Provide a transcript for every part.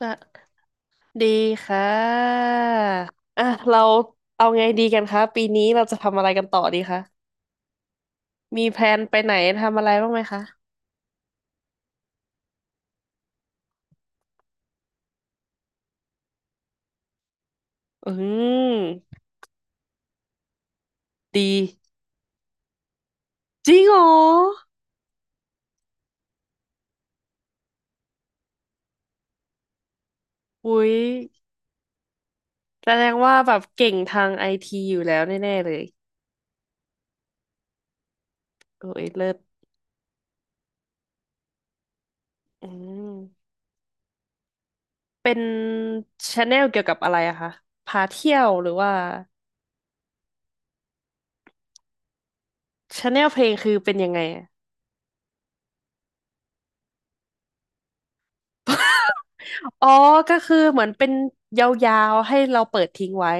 อ่ะดีค่ะอ่ะเราเอาไงดีกันคะปีนี้เราจะทำอะไรกันต่อดีคะมีแพลนไปไหนทำอะไรบ้างไหมคะอืมดีจริงเหรออุ้ยแสดงว่าแบบเก่งทางไอทีอยู่แล้วแน่ๆเลยโอ้ยเลิศอืมเป็นชาแนลเกี่ยวกับอะไรอะคะพาเที่ยวหรือว่าชาแนลเพลงคือเป็นยังไงอะอ๋อก็คือเหมือนเป็นยาวๆให้เราเปิดทิ้งไว้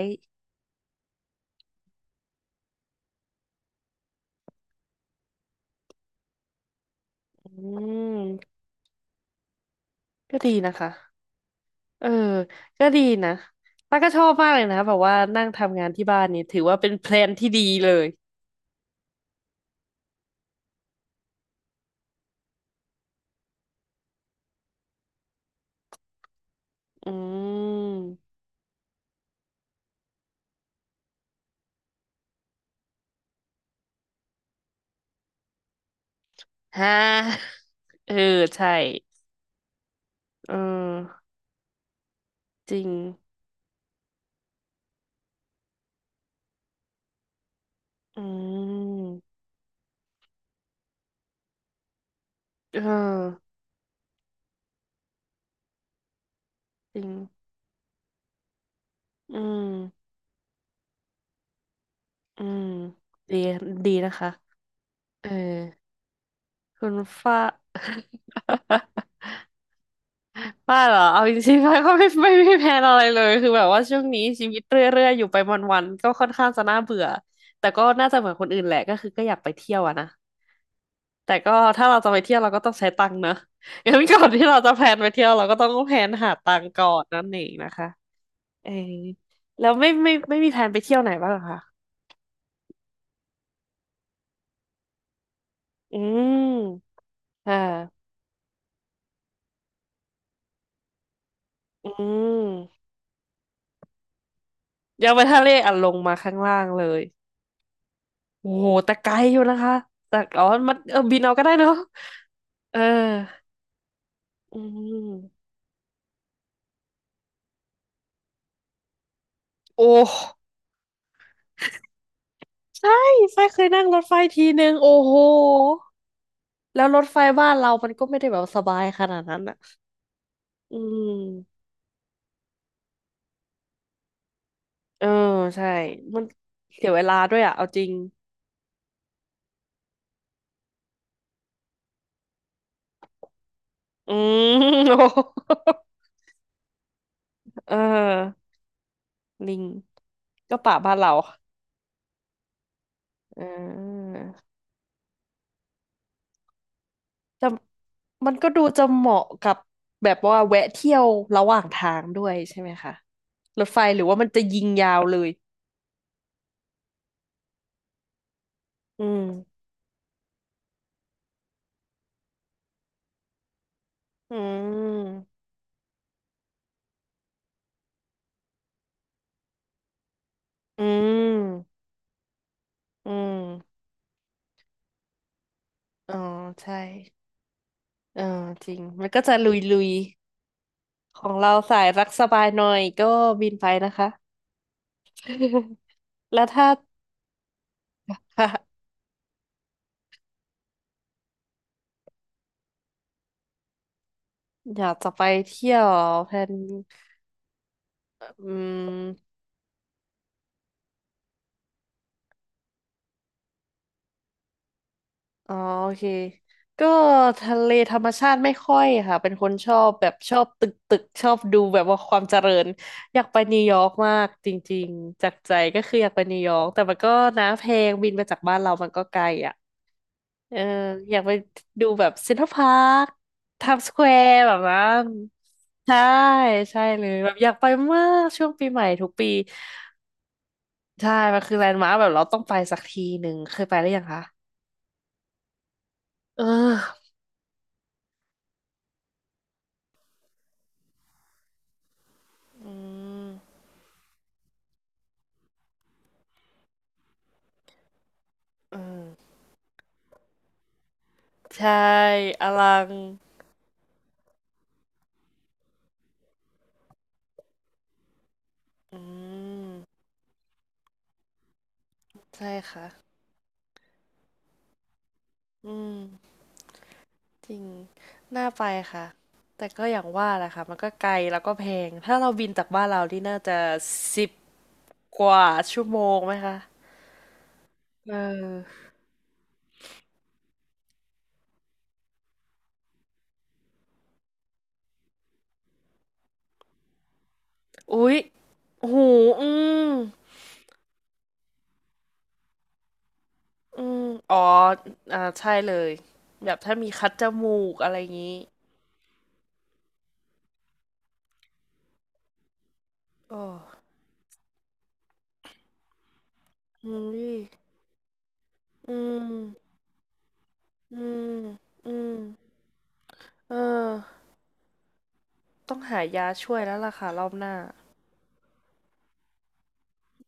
อืม ก็ดีนะคะ เออ ก็ดีนะป้าก็ชอบมากเลยนะแบบว่านั่งทำงานที่บ้านนี่ถือว่าเป็นแพลนที่ดีเลย อืมฮะ เออ ใช่เออจริงอืมเออจริง อืม อืม ดี ดีนะคะ เออ คุณฟ้า ป้าเหรอเอาจริงๆป้าก็ไม่ไมีแพลนอะไรเลยคือแบบว่าช่วงนี้ชีวิตเรื่อยๆอยู่ไปวันๆก็ค่อนข้างจะน่าเบื่อแต่ก็น่าจะเหมือนคนอื่นแหละก็คือก็อยากไปเที่ยวอะนะแต่ก็ถ้าเราจะไปเที่ยวเราก็ต้องใช้ตังค์นะ งั้นก่อนที่เราจะแพลนไปเที่ยวเราก็ต้องแพลนหาตังค์ก่อนนั่นเองนะคะเออแล้วไม่มีแพลนไปเที่ยวไหนบ้างเหรอคะอืมอ่าอืมยังไปทะเลอ่ะลงมาข้างล่างเลยโอ้โหแต่ไกลอยู่นะคะแต่อ๋อมันเออบินเอาก็ได้เนอะเออ อืมโอ้ใช่ไฟเคยนั่งรถไฟทีนึงโอ้โหแล้วรถไฟบ้านเรามันก็ไม่ได้แบบสบายขนาดนั้นอ่ะอืมเออใช่มันเสียเวลาด้วยอ่ะเอาจริงอืมโอ้เออลิงก็ป่าบ้านเราเออแต่มันก็ดูจะเหมาะกับแบบว่าแวะเที่ยวระหว่างทางด้วยใช่ไหมคะรถไฟหรือว่ามันจะยิงยาวเลยอืมอืม อืม อืม อ๋อใช่เออจริง มันก็จะลุยๆ ของเราสายรักสบายหน่อยก็บินไปนะคะ แล้วถ้า ค่ะอยากจะไปเที่ยวแพนอืมอ๋อโอเค ก็ทะเลธรรมชาติไม่ค่อยค่ะ เป็นคนชอบแบบชอบตึกตึกชอบดูแบบว่าความเจริญ อยากไปนิวยอร์กมากจริงๆ จากใจก็คืออยากไปนิวยอร์กแต่มันก็นะแพงบินไปจากบ้านเรามันก็ไกลอ่ะ เอออยากไปดูแบบเซ็นทรัลพาร์คไทม์สแควร์แบบนั้นใช่ใช่เลยแบบอยากไปมากช่วงปีใหม่ทุกปีใช่มันคือแลนด์มาร์คแบบเราต้องไปสักทีหนึ่งเคยไปหรือยังคะเอออืมอืมใช่อลังอืมใช่ค่ะอืมจริงน่าไปค่ะแต่ก็อย่างว่าแหละค่ะมันก็ไกลแล้วก็แพงถ้าเราบินจากบ้านเราที่น่าจะ10 กว่าชั่วโมงไหมคะ เอออุ๊ยโอ้โหอืมอืมอ๋ออ่าใช่เลยแบบถ้ามีคัดจมูกอะไรอย่างงี้โอ้อืมอืมอืมอืมเออต้องหายาช่วยแล้วล่ะค่ะรอบหน้า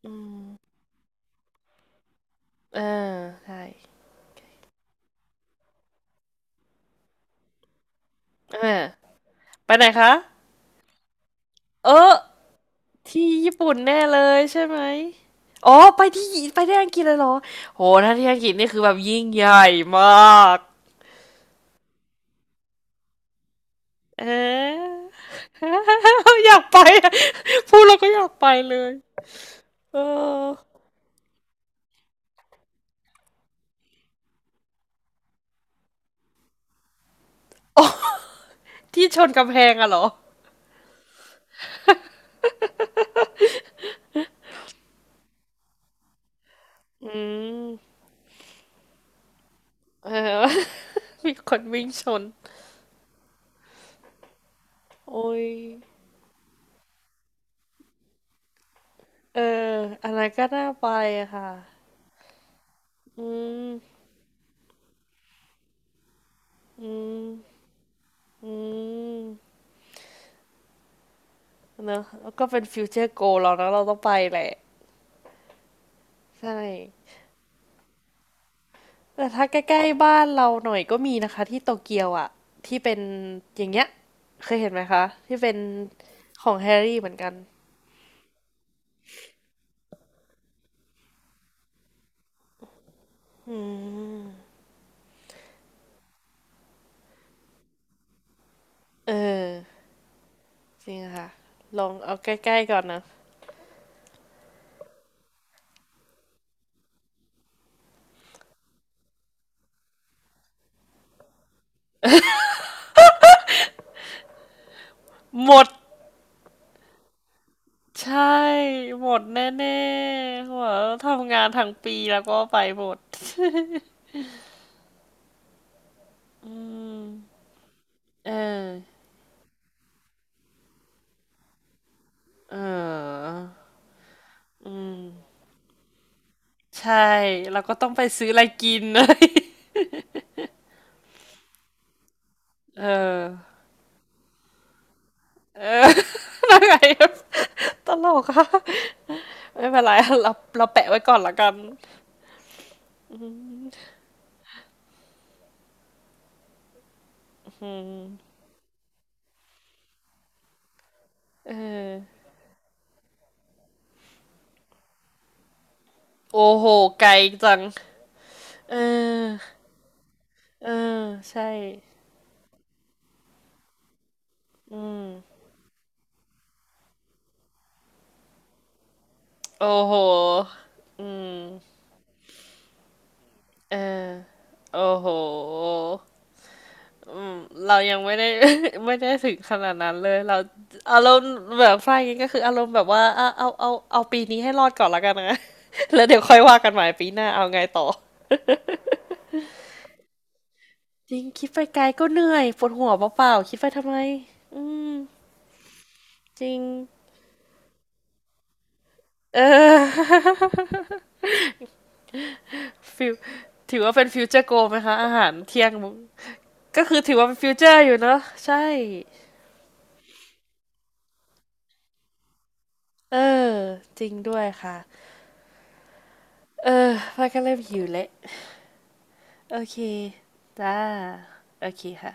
อืมเออใช่เออไปไหนคะเออที่ญี่ปุ่นแน่เลยใช่ไหม อ๋อไปที่ไปที่อังกฤษเลยเหรอโหถ้าที่อังกฤษนี่คือแบบยิ่งใหญ่มาก เออ อยากไปอะพูดแล้วก็อยากไปเลยเออที่ชนกำแพงอะเหรออืมเออ มีคนวิ่งชนโอ้ยเอออะไรก็น่าไปอะค่ะอืมอืมอืมเนอะแล้วก็เป็นฟิวเจอร์โกลเรานะเราต้องไปแหละใช่ แต่ถ้าใกล้ๆบ้านเราหน่อยก็มีนะคะที่โตเกียวอ่ะที่เป็นอย่างเงี้ยเคยเห็นไหมคะที่เป็นของแฮร์รี่เหมือนกันอืมเออจริงค่ะลองเอาใกล้ๆก่อนนะหมดใช่หมดแน่ๆหัวทำงานทั้งปีแล้วก็ไปหมด อืมเออเอออืมใช่เราก็ต้องไปซื้ออะไรกิน เลย เออ เออ แล้วไงตลกค่ะไม่เป็นไรเราเราแปะไว้ก่อนละกันอืมเออโอ้โหไกลจังเออเออใช่อืมโอ้โหอืมเออโอ้โหอืมเรายังไม่ได้ ไม่ได้ถึงขนาดนั้นเลยเราอารมณ์แบบฝ้ายงี้ก็คืออารมณ์แบบว่าอ่ะเอาปีนี้ให้รอดก่อนละกันนะ แล้วเดี๋ยวค่อยว่ากันใหม่ปีหน้าเอาไงต่อ จริงคิดไปไกลก็เหนื่อยปวดหัวเปล่าๆคิดไปทำไมอืมจริงเออ ฟิวถือว่าเป็นฟิวเจอร์โกไหมคะอาหารเที่ยงมึงก็คือถือว่าเป็นฟิวเจอร์อยู่เนอะใช่เออจริงด้วยค่ะเออพายก็เริ่มหิวแล้วโอเคจ้าโอเคค่ะ